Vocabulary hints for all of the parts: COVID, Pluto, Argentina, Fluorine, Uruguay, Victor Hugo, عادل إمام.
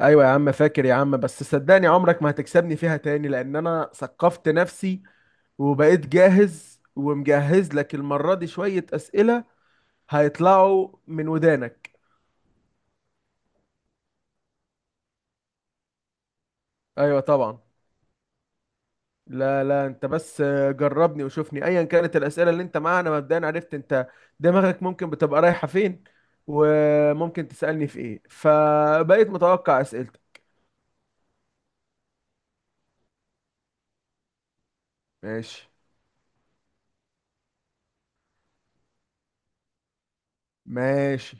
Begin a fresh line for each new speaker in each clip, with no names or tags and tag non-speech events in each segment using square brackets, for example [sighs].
ايوه يا عم، فاكر يا عم، بس صدقني عمرك ما هتكسبني فيها تاني لان انا ثقفت نفسي وبقيت جاهز ومجهز لك المرة دي شوية اسئلة هيطلعوا من ودانك. ايوه طبعا. لا، لا، انت بس جربني وشوفني ايا كانت الاسئلة اللي انت معاها. انا مبدئيا عرفت انت دماغك ممكن بتبقى رايحة فين وممكن تسألني في ايه، فبقيت متوقع اسئلتك. ماشي. ماشي.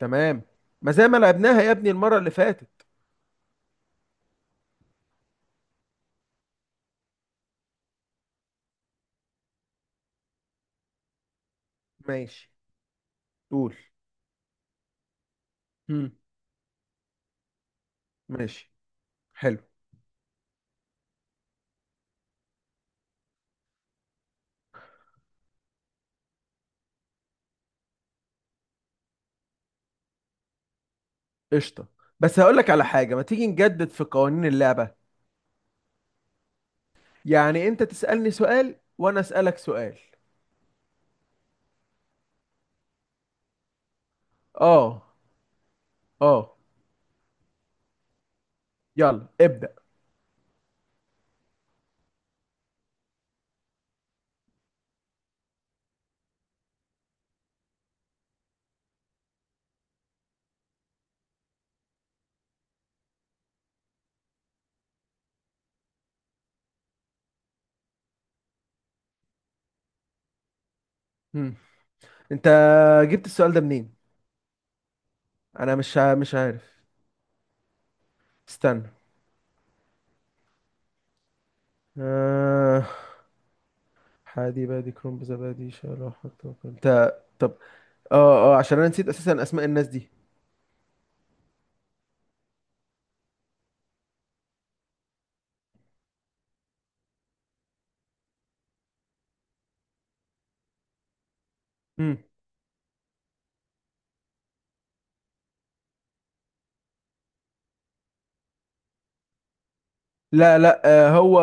تمام. ما زي ما لعبناها يا ابني المرة اللي فاتت. ماشي. قول. مم. ماشي. حلو. قشطة. بس هقول لك على حاجة، ما تيجي نجدد في قوانين اللعبة؟ يعني انت تسألني سؤال وانا أسألك سؤال. اه. اه. يلا ابدأ. مم. انت جبت السؤال ده منين؟ انا مش مش عارف. استنى. آه حادي بادي كرنب زبادي شرح. انت. طب. اه، اه، عشان انا نسيت اساسا اسماء الناس دي. مم. لا، لا، هو.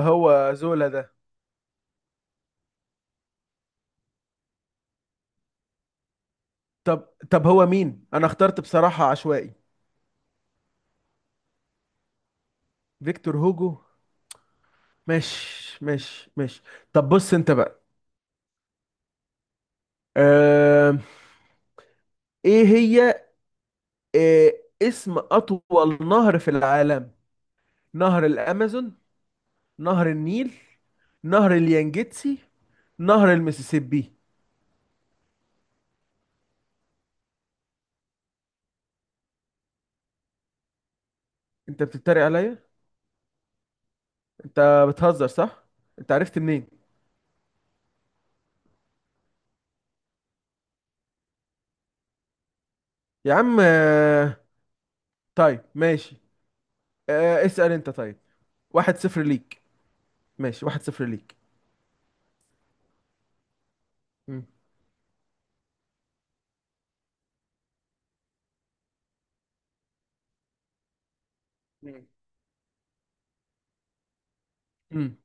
هو زولا ده؟ طب. طب هو مين؟ انا اخترت بصراحة عشوائي. فيكتور هوجو. ماشي. ماشي. ماشي. طب بص انت بقى. آه... ايه هي؟ آه... اسم اطول نهر في العالم؟ نهر الامازون، نهر النيل، نهر اليانجيتسي، نهر المسيسيبي؟ انت بتتريق عليا؟ انت بتهزر صح؟ انت عرفت منين؟ يا عم، طيب ماشي. اسأل انت طيب. واحد صفر ليك. ماشي. واحد صفر ليك. مم. مم. مم.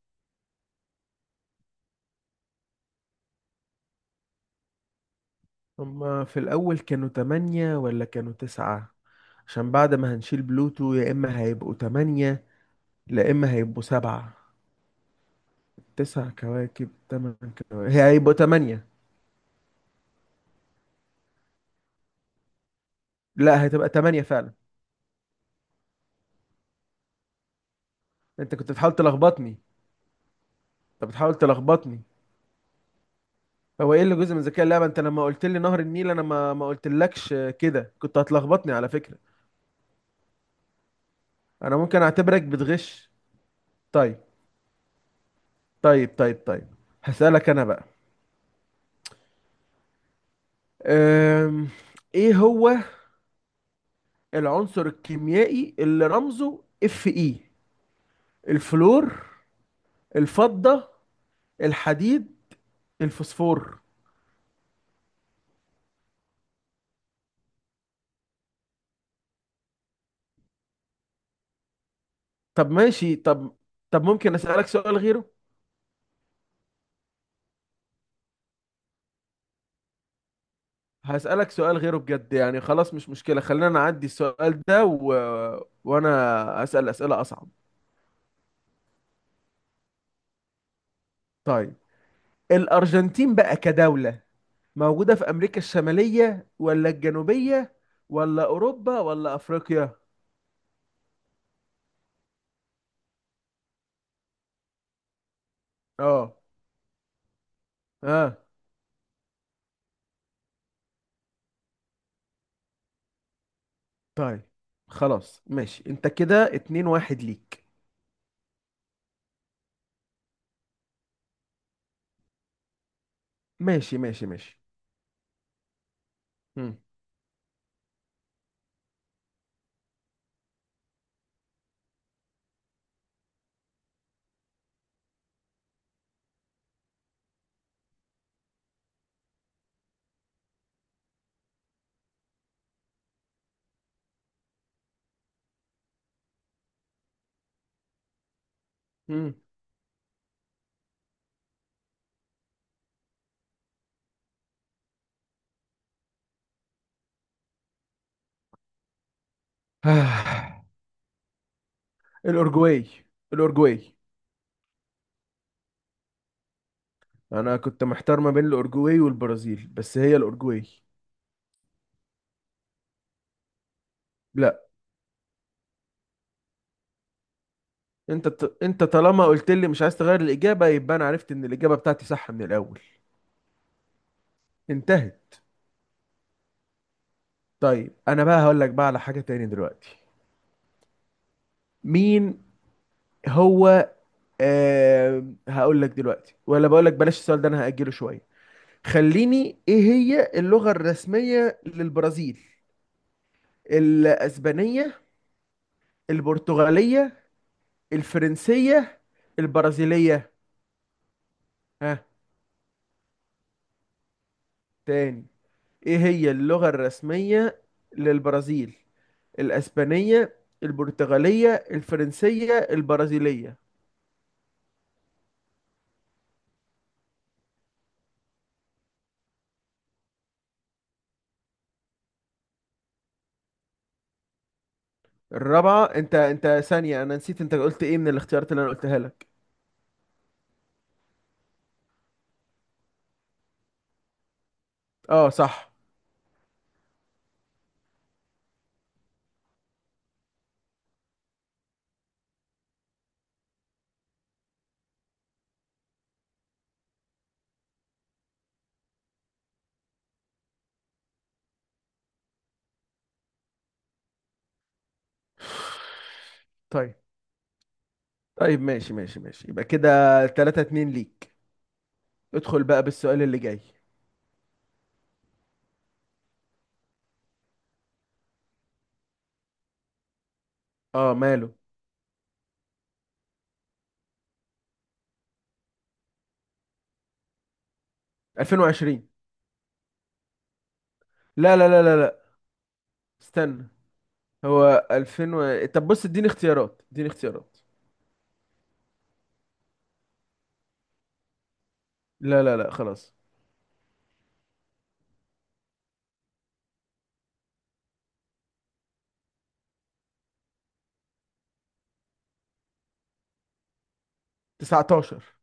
هما في الأول كانوا تمانية ولا كانوا تسعة؟ عشان بعد ما هنشيل بلوتو يا اما هيبقوا تمانية، لا اما هيبقوا سبعة. تسع كواكب، تمن كواكب، هي هيبقوا تمانية. لا، هتبقى تمانية فعلا. انت كنت بتحاول تلخبطني. انت بتحاول تلخبطني. هو ايه اللي جزء من ذكاء اللعبة؟ انت لما قلت لي نهر النيل انا ما قلتلكش كده، كنت هتلخبطني على فكرة. انا ممكن اعتبرك بتغش؟ طيب. طيب. طيب. طيب هسألك انا بقى. أم... ايه هو العنصر الكيميائي اللي رمزه اف اي؟ الفلور، الفضة، الحديد، الفوسفور؟ طب ماشي. طب. طب ممكن اسالك سؤال غيره؟ هسالك سؤال غيره بجد. يعني خلاص مش مشكله، خلينا نعدي السؤال ده وانا اسال اسئله اصعب. طيب، الارجنتين بقى كدوله موجوده في امريكا الشماليه ولا الجنوبيه ولا اوروبا ولا افريقيا؟ اه. اه. طيب خلاص ماشي، انت كده اتنين واحد ليك. ماشي. ماشي. ماشي. مم. مم. [sighs] آه. الأورجواي. الأورجواي. انا كنت محتار ما بين الاورجواي والبرازيل، بس هي الاورجواي. لا. انت انت طالما قلت لي مش عايز تغير الاجابه، يبقى انا عرفت ان الاجابه بتاعتي صح من الاول. انتهت. طيب انا بقى هقول لك بقى على حاجه تاني دلوقتي. مين هو؟ هقول لك دلوقتي ولا بقول لك بلاش السؤال ده؟ انا هاجله شويه. خليني. ايه هي اللغه الرسميه للبرازيل؟ الاسبانيه، البرتغاليه، الفرنسيه، البرازيليه؟ ها؟ تاني. ايه هي اللغة الرسمية للبرازيل؟ الاسبانية، البرتغالية، الفرنسية، البرازيلية. الرابعة. انت. انت ثانية، انا نسيت، انت قلت ايه من الاختيارات اللي انا قلتها لك؟ اه، صح. طيب. طيب ماشي. ماشي. ماشي. يبقى كده 3-2 ليك. ادخل بقى بالسؤال اللي جاي. اه، ماله؟ 2020. لا، لا، لا، لا، لا، استنى. هو 2000 طب بص اديني اختيارات، اديني اختيارات. لا، لا، لا، خلاص. 19.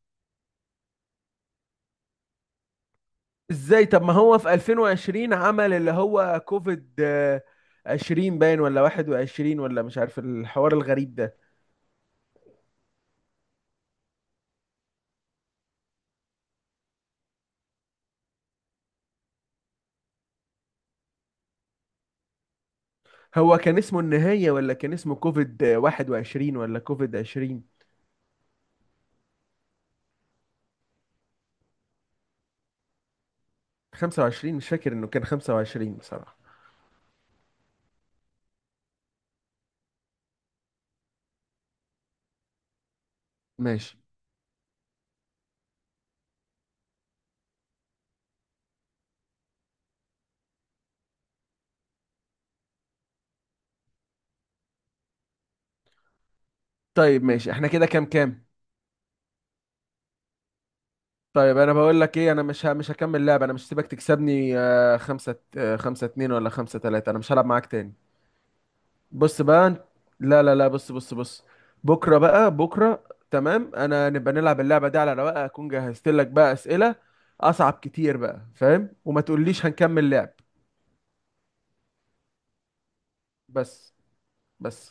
ازاي؟ طب ما هو في 2020 عمل اللي هو كوفيد 20 باين ولا 21 ولا مش عارف الحوار الغريب ده. هو كان اسمه النهاية ولا كان اسمه كوفيد 21 ولا كوفيد 20؟ 25؟ مش فاكر انه كان 25 بصراحة. ماشي. طيب ماشي، احنا كده كام كام؟ طيب انا بقول لك ايه، انا مش مش هكمل لعب. انا مش هسيبك تكسبني خمسة خمسة اتنين ولا خمسة تلاتة. انا مش هلعب معاك تاني. بص بقى لا، لا، لا، بص، بص، بص. بكره بقى، بكره. تمام. انا نبقى نلعب اللعبه دي على رواقه، اكون جهزت لك بقى اسئله اصعب كتير بقى، فاهم؟ وما تقوليش هنكمل لعب. بس. بس.